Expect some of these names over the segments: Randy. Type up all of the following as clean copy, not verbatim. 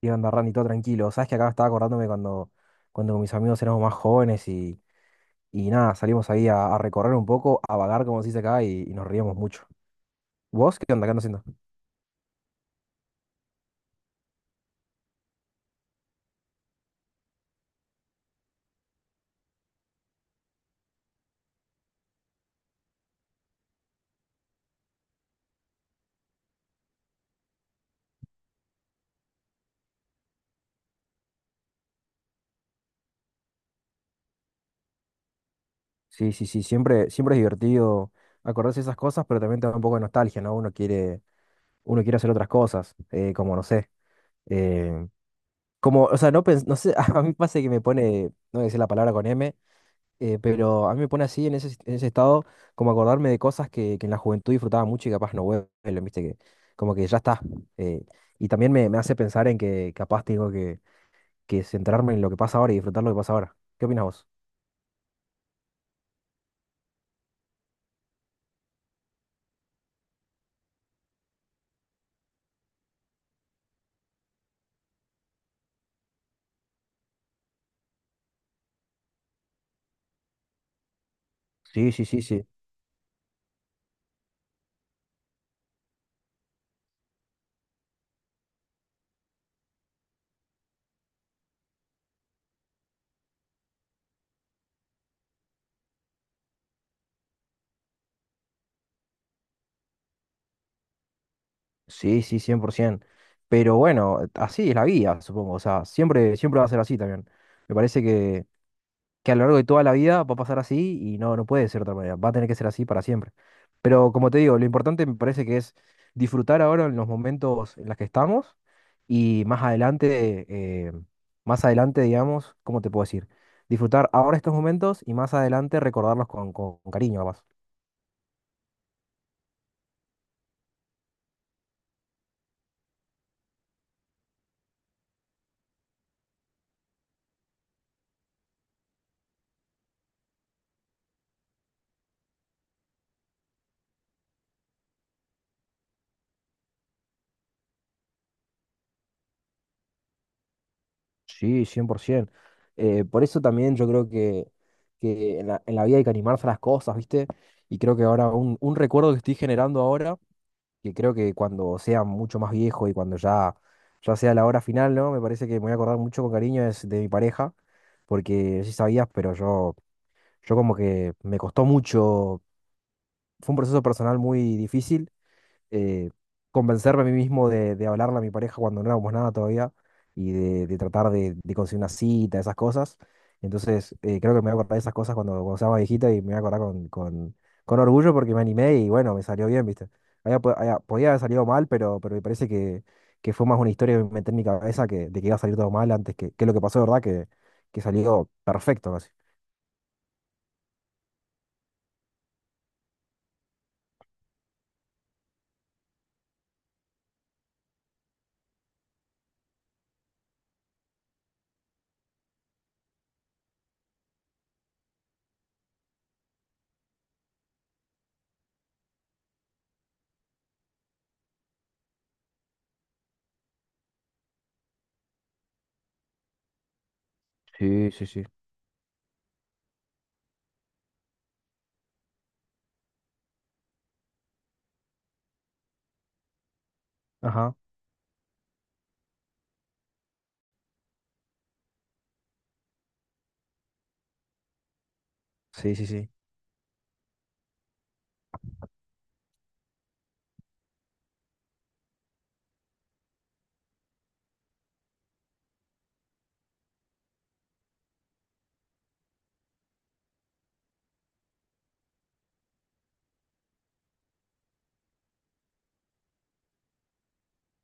¿Qué onda, Randy? Todo tranquilo. Sabes que acá estaba acordándome cuando con mis amigos éramos más jóvenes y nada, salimos ahí a recorrer un poco, a vagar, como se dice acá, y nos reíamos mucho. ¿Vos qué onda? ¿Qué andas haciendo? Sí, sí, sí, siempre, siempre es divertido acordarse de esas cosas, pero también te da un poco de nostalgia, ¿no? Uno quiere hacer otras cosas, como no sé. eh, Como, o sea, no, no sé, a mí pasa que me pone, no voy a decir la palabra con M. Pero a mí me pone así en ese estado, como acordarme de cosas que en la juventud disfrutaba mucho y capaz no vuelven, viste, que como que ya está. eh, y también me hace pensar en que capaz tengo que centrarme en lo que pasa ahora y disfrutar lo que pasa ahora. ¿Qué opinas vos? Sí, sí, sí, sí. Sí, sí, 100%. Pero bueno, así es la vida, supongo. O sea, siempre, siempre va a ser así también. Me parece que a lo largo de toda la vida va a pasar así y no, no puede ser de otra manera, va a tener que ser así para siempre. Pero como te digo, lo importante me parece que es disfrutar ahora en los momentos en los que estamos y eh, más adelante, digamos, ¿cómo te puedo decir? Disfrutar ahora estos momentos y más adelante recordarlos con, con cariño, capaz. Sí, 100%. Por eso también yo creo que en la vida hay que animarse a las cosas, ¿viste? Y creo que ahora un recuerdo que estoy generando ahora que creo que cuando sea mucho más viejo y cuando ya sea la hora final, ¿no? Me parece que me voy a acordar mucho con cariño es de mi pareja, porque sí sabías, pero yo como que me costó mucho, fue un proceso personal muy difícil, eh, convencerme a mí mismo de hablarle a mi pareja cuando no éramos nada todavía y de tratar de conseguir una cita, esas cosas. Entonces, creo que me voy a acordar de esas cosas cuando sea más viejita y me voy a acordar con orgullo porque me animé y bueno, me salió bien, ¿viste? Podía haber salido mal, pero me parece que fue más una historia que me metí en mi cabeza de que iba a salir todo mal antes que lo que pasó, ¿de verdad? Que salió perfecto casi. Sí, sí, sí. Ajá, sí, sí, sí.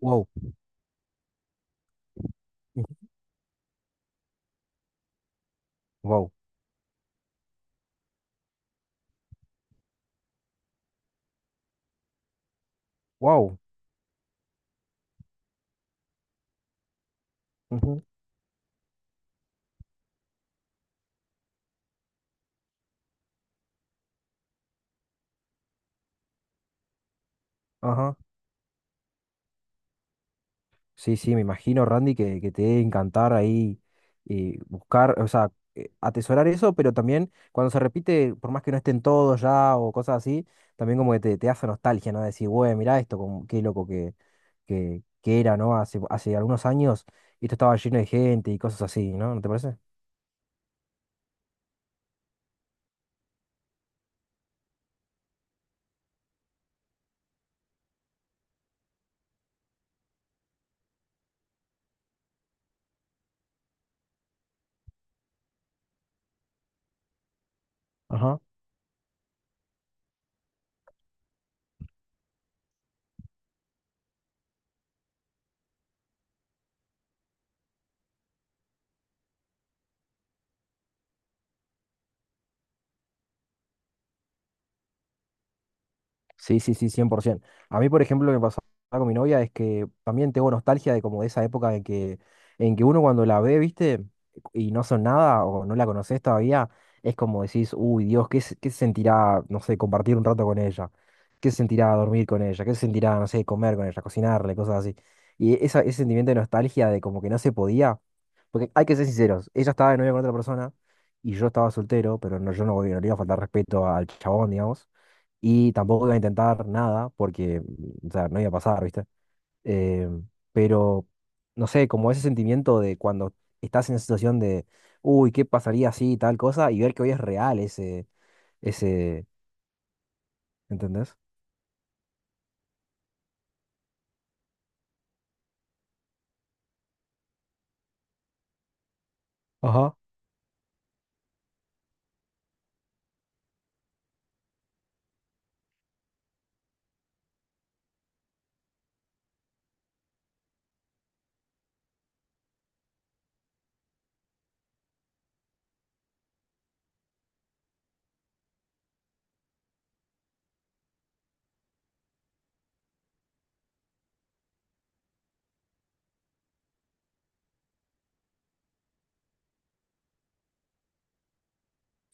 Wow, ujú, wow, wow, ujú, ajá. Sí, sí, me imagino, Randy, que te debe encantar ahí buscar, o sea, atesorar eso, pero también cuando se repite, por más que no estén todos ya o cosas así, también como que te hace nostalgia, ¿no? Decir, güey, mirá esto, como, qué loco que era, ¿no? Hace, hace algunos años esto estaba lleno de gente y cosas así, ¿no? ¿No te parece? Sí, sí, sí, 100%. A mí, por ejemplo, lo que pasaba con mi novia es que también tengo nostalgia de como de esa época en que uno cuando la ve, viste, y no son nada o no la conoces todavía, es como decís, uy, Dios, ¿qué, qué se sentirá, no sé, compartir un rato con ella? ¿Qué se sentirá dormir con ella? ¿Qué se sentirá, no sé, comer con ella, cocinarle, cosas así? Y esa, ese sentimiento de nostalgia de como que no se podía, porque hay que ser sinceros, ella estaba de novia con otra persona y yo estaba soltero, pero no, yo no, no le iba a faltar respeto al chabón, digamos. Y tampoco iba a intentar nada porque, o sea, no iba a pasar, ¿viste? Eh, pero, no sé, como ese sentimiento de cuando estás en esa situación de, uy, ¿qué pasaría si tal cosa? Y ver que hoy es real ese, ese, ¿entendés? Ajá.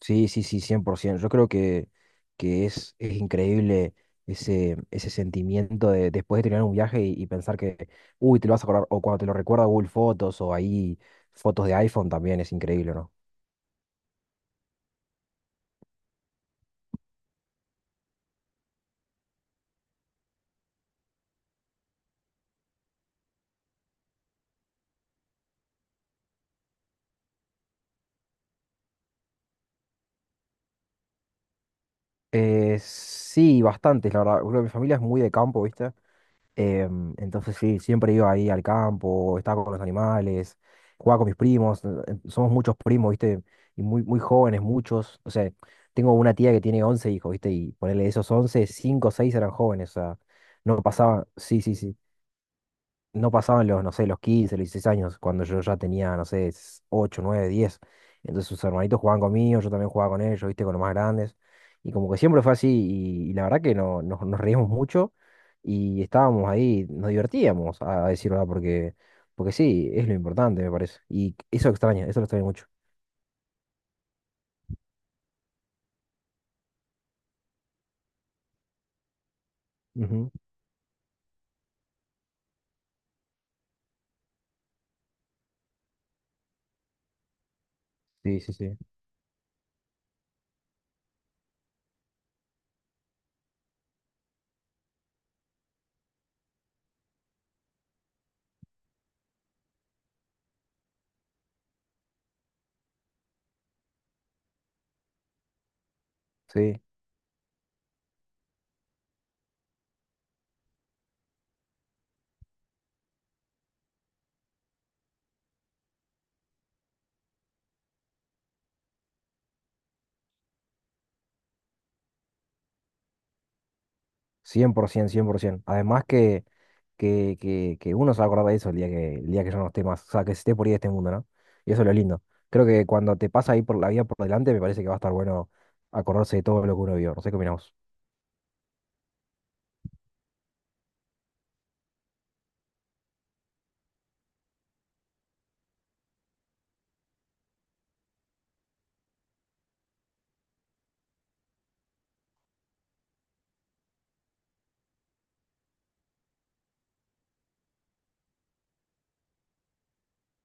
Sí, sí, sí, 100%. Yo creo que es increíble ese, ese sentimiento de después de terminar un viaje y pensar que, uy, te lo vas a acordar, o cuando te lo recuerda Google Fotos o ahí fotos de iPhone también es increíble, ¿no? Sí, bastantes, la verdad. Bueno, mi familia es muy de campo, ¿viste? Entonces sí, siempre iba ahí al campo, estaba con los animales, jugaba con mis primos. Somos muchos primos, ¿viste? Y muy, muy jóvenes, muchos. O sea, tengo una tía que tiene 11 hijos, ¿viste? Y ponerle esos 11 5 o 6 eran jóvenes, o sea, no pasaban. Sí, sí, sí, no pasaban los, no sé, los 15 los 16 años, cuando yo ya tenía, no sé, 8 9 10. Entonces sus hermanitos jugaban conmigo, yo también jugaba con ellos, viste, con los más grandes. Y como que siempre fue así, y la verdad que no, nos, nos reíamos mucho y estábamos ahí, nos divertíamos, a decir verdad, porque, porque sí, es lo importante, me parece. Y eso extraña eso lo extraño mucho. Ujú, sí, sí, sí. Sí. Cien por ciento, 100 por 100%. Además que uno se va a acordar de eso el día que yo no esté más, o sea, que esté por ahí de este mundo, ¿no? Y eso es lo lindo. Creo que cuando te pasa ahí por la vida por delante, me parece que va a estar bueno acordarse de todo lo que uno vio. No sé qué opinamos.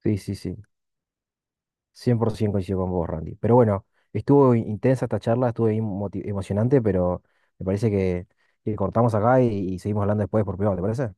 Sí, sí, sí. 100% coincido con vos, Randy. Pero bueno, estuvo intensa esta charla, estuvo bien emocionante, pero me parece que cortamos acá y seguimos hablando después por privado, ¿te parece?